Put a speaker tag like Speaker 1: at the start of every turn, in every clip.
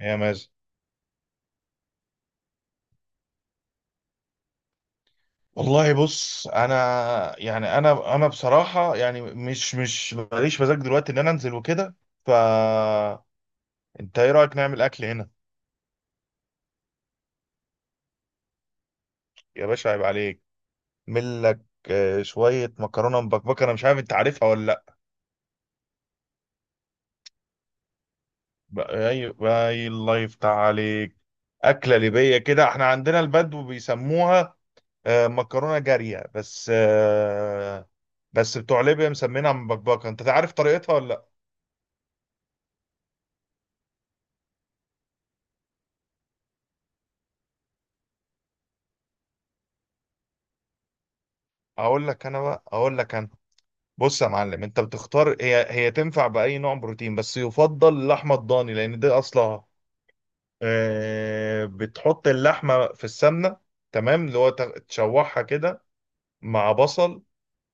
Speaker 1: يا مازن. والله بص انا، يعني انا بصراحه يعني مش ماليش مزاج دلوقتي ان انا انزل وكده. ف انت ايه رايك نعمل اكل هنا؟ يا باشا عيب عليك! ملك. شويه مكرونه مبكبكه، انا مش عارف انت عارفها ولا لا. اي. اي الله يفتح عليك. اكله ليبيه، كده احنا عندنا البدو بيسموها مكرونه جاريه، بس بس بتوع ليبيا مسمينها مبكبكه. انت عارف طريقتها ولا لا؟ اقول لك انا، بقى اقول لك انا، بص يا معلم، انت بتختار، هي تنفع باي نوع بروتين، بس يفضل اللحمه الضاني لان ده اصلها. بتحط اللحمه في السمنه، تمام، اللي هو تشوحها كده، مع بصل،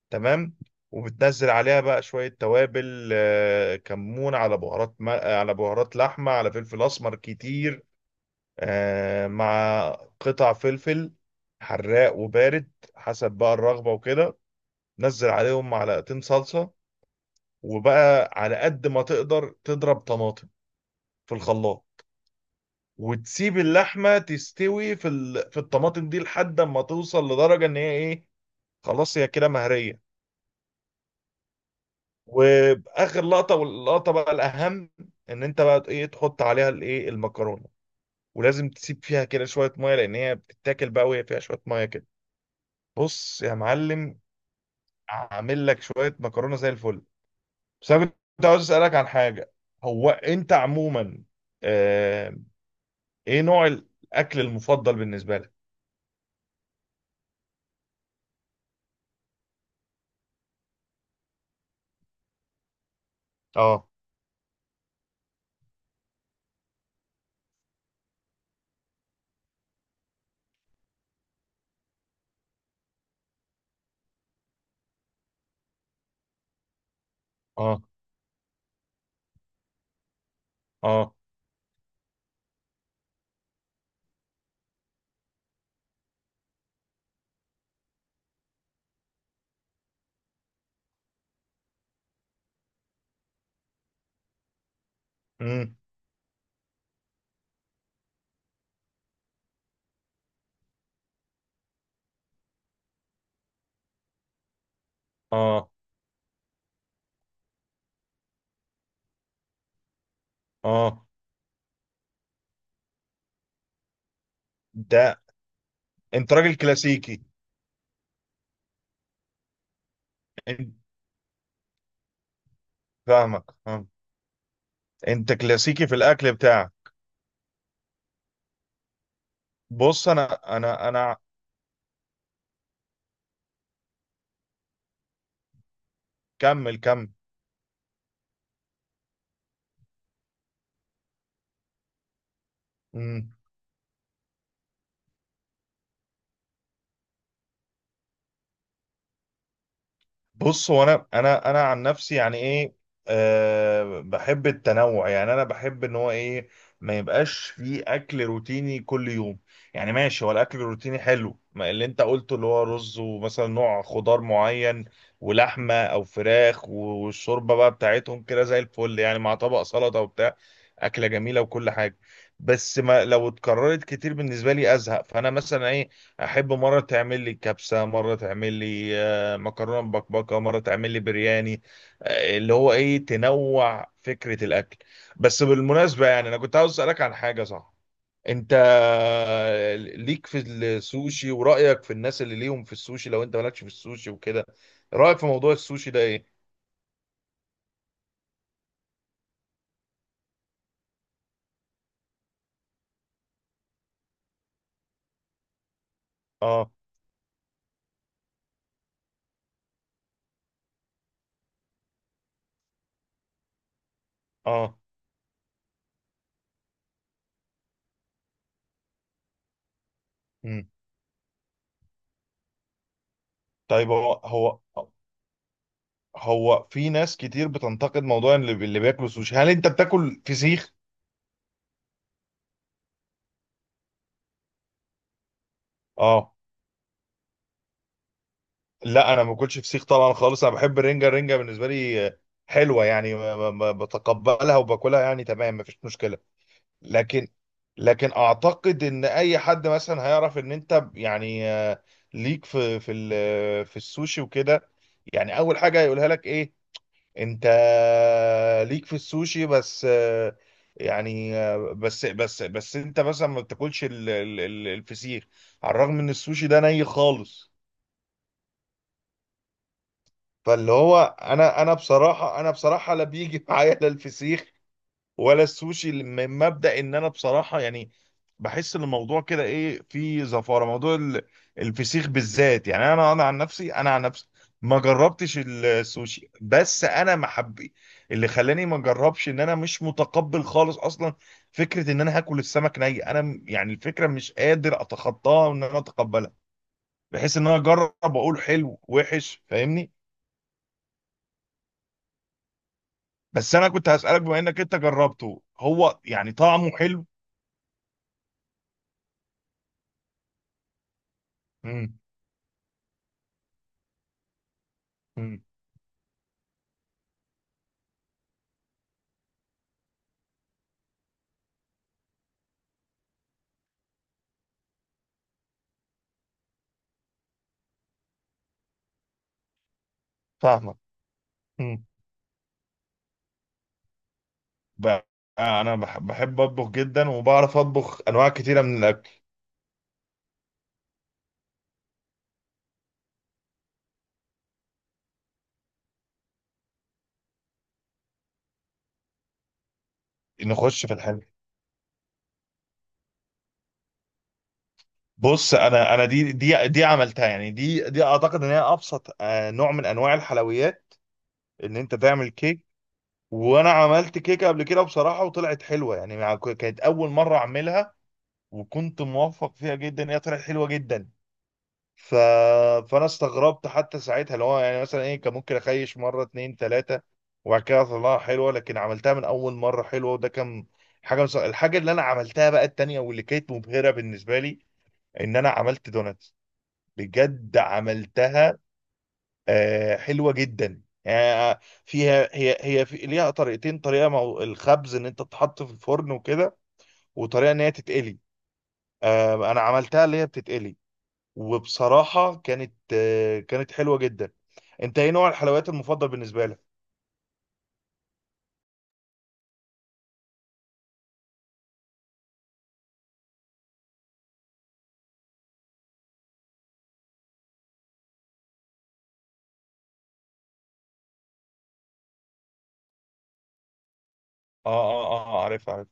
Speaker 1: تمام، وبتنزل عليها بقى شويه توابل، كمون، على بهارات على بهارات لحمه، على فلفل اسمر كتير، مع قطع فلفل حراق وبارد حسب بقى الرغبه وكده. نزل عليهم معلقتين صلصه، وبقى على قد ما تقدر تضرب طماطم في الخلاط، وتسيب اللحمه تستوي في في الطماطم دي لحد ما توصل لدرجه ان هي ايه، خلاص هي كده مهريه. واخر لقطه، واللقطه بقى الاهم، ان انت بقى ايه تحط عليها الايه المكرونه. ولازم تسيب فيها كده شويه ميه لان هي بتتاكل بقى وهي فيها شويه ميه كده. بص يا معلم، اعمل لك شويه مكرونه زي الفل. بس انا كنت عاوز اسالك عن حاجه. هو انت عموما آه، ايه نوع الاكل المفضل بالنسبه لك؟ اه. اه. اه. امم اه. اه. ده انت راجل كلاسيكي. انت فاهمك فاهم. انت كلاسيكي في الاكل بتاعك. بص انا. كمل. كمل. بص، هو انا عن نفسي، يعني ايه، أه بحب التنوع، يعني انا بحب ان هو ايه، ما يبقاش في اكل روتيني كل يوم. يعني ماشي، هو الاكل الروتيني حلو، ما اللي انت قلته، اللي هو رز ومثلا نوع خضار معين ولحمه او فراخ والشوربه بقى بتاعتهم كده زي الفل يعني، مع طبق سلطه وبتاع، اكله جميله وكل حاجه. بس ما لو اتكررت كتير بالنسبه لي ازهق. فانا مثلا ايه، احب مره تعمل لي كبسه، مره تعمل لي مكرونه مبكبكه، مره تعمل لي برياني، اللي هو ايه، تنوع فكره الاكل. بس بالمناسبه، يعني انا كنت عاوز اسالك عن حاجه صح. انت ليك في السوشي، ورايك في الناس اللي ليهم في السوشي، لو انت مالكش في السوشي وكده، رايك في موضوع السوشي ده ايه؟ اه. اه. مم. طيب، هو في ناس كتير بتنتقد موضوع اللي بياكلوا سوشي. هل انت بتاكل فسيخ؟ اه. لا انا ما باكلش فسيخ طبعا خالص، انا بحب الرنجه، الرنجه بالنسبه لي حلوه يعني، بتقبلها وباكلها يعني، تمام، مفيش مشكله. لكن، لكن اعتقد ان اي حد مثلا هيعرف ان انت يعني ليك في في السوشي وكده، يعني اول حاجه هيقولها لك ايه، انت ليك في السوشي، بس يعني بس انت مثلا ما بتاكلش الفسيخ، على الرغم ان السوشي ده ني خالص. فاللي هو انا بصراحه، انا بصراحه لا بيجي معايا لا الفسيخ ولا السوشي، من مبدا ان انا بصراحه يعني بحس ان الموضوع كده ايه، فيه زفاره، موضوع الفسيخ بالذات. يعني انا عن نفسي، انا عن نفسي ما جربتش السوشي، بس انا محبي اللي خلاني ما اجربش ان انا مش متقبل خالص اصلا فكره ان انا هاكل السمك ني. انا يعني الفكره مش قادر اتخطاها وان انا اتقبلها بحيث ان انا اجرب واقول حلو وحش، فاهمني. بس انا كنت هسألك، بما انك انت جربته، هو يعني طعمه حلو؟ امم. امم. فاهمك. امم. بقى، انا بحب اطبخ جدا وبعرف اطبخ انواع كتيره من الاكل. نخش في الحلو. بص، انا انا دي عملتها يعني، دي اعتقد ان هي ابسط نوع من انواع الحلويات، ان انت تعمل كيك. وانا عملت كيكه قبل كده بصراحه وطلعت حلوه يعني، كانت اول مره اعملها وكنت موفق فيها جدا، هي طلعت حلوه جدا. ف... فانا استغربت حتى ساعتها، اللي هو يعني مثلا ايه، كان ممكن اخيش مره اتنين تلاته وبعد كده اطلعها حلوه، لكن عملتها من اول مره حلوه. وده كان حاجه الحاجه اللي انا عملتها بقى التانيه واللي كانت مبهره بالنسبه لي، ان انا عملت دوناتس، بجد عملتها. آه حلوه جدا يعني، فيها، هي في ليها طريقتين، طريقه الخبز ان انت تتحط في الفرن وكده، وطريقه ان هي تتقلي. آه انا عملتها اللي هي بتتقلي، وبصراحه كانت آه كانت حلوه جدا. انت ايه نوع الحلويات المفضل بالنسبه لك؟ اه. اه. اه عارف عارف.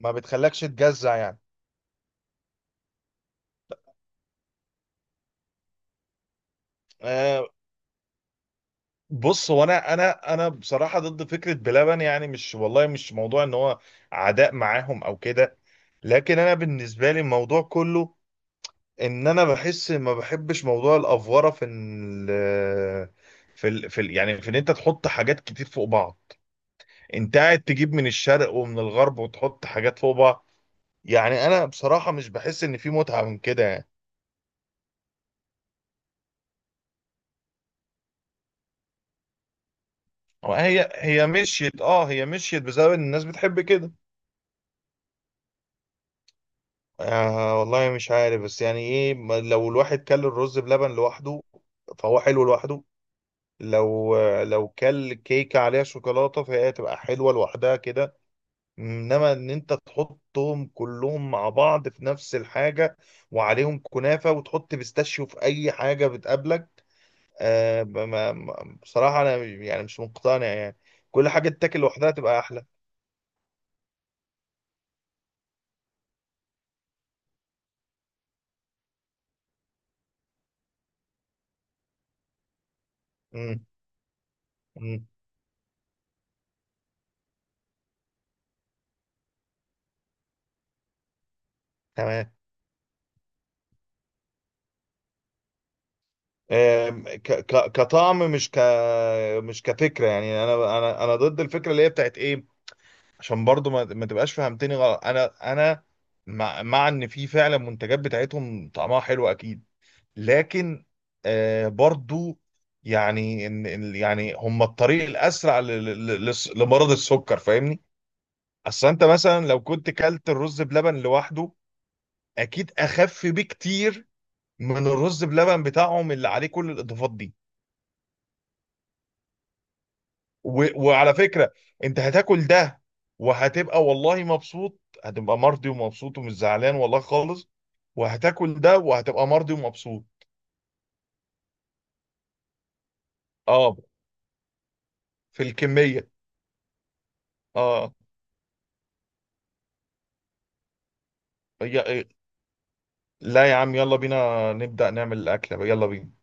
Speaker 1: ما بتخلكش تجزع يعني. آه. بص، هو انا بصراحه ضد فكره بلبن. يعني مش والله مش موضوع ان هو عداء معاهم او كده، لكن انا بالنسبه لي الموضوع كله ان انا بحس ما بحبش موضوع الافوره في ال يعني في ان انت تحط حاجات كتير فوق بعض. انت قاعد تجيب من الشرق ومن الغرب وتحط حاجات فوق بعض، يعني انا بصراحه مش بحس ان في متعه من كده يعني. هي مشيت، اه هي مشيت بسبب ان الناس بتحب كده. آه والله مش عارف، بس يعني ايه، لو الواحد كل الرز بلبن لوحده فهو حلو لوحده. لو، لو كل كيكة عليها شوكولاتة فهي تبقى حلوة لوحدها كده، انما ان انت تحطهم كلهم مع بعض في نفس الحاجة وعليهم كنافة وتحط بيستاشيو في اي حاجة بتقابلك، بصراحة انا يعني مش مقتنع يعني، كل حاجة تتاكل لوحدها تبقى احلى. امم. إمم. تمام. آم، كطعم، مش كفكره. يعني انا ضد الفكره اللي هي بتاعت ايه، عشان برضو ما تبقاش فهمتني غلط. انا مع ان في فعلا منتجات بتاعتهم طعمها حلو اكيد، لكن آه برضو يعني يعني هم الطريق الاسرع لمرض السكر، فاهمني. اصل انت مثلا لو كنت كلت الرز بلبن لوحده اكيد اخف بكتير من الرز بلبن بتاعهم اللي عليه كل الاضافات دي. وعلى فكرة، انت هتاكل ده وهتبقى والله مبسوط، هتبقى مرضي ومبسوط ومش زعلان والله خالص. وهتاكل ده وهتبقى مرضي ومبسوط. اه. في الكمية. اه. يا... لا يا عم، يلا بينا نبدأ نعمل الأكلة، يلا بينا.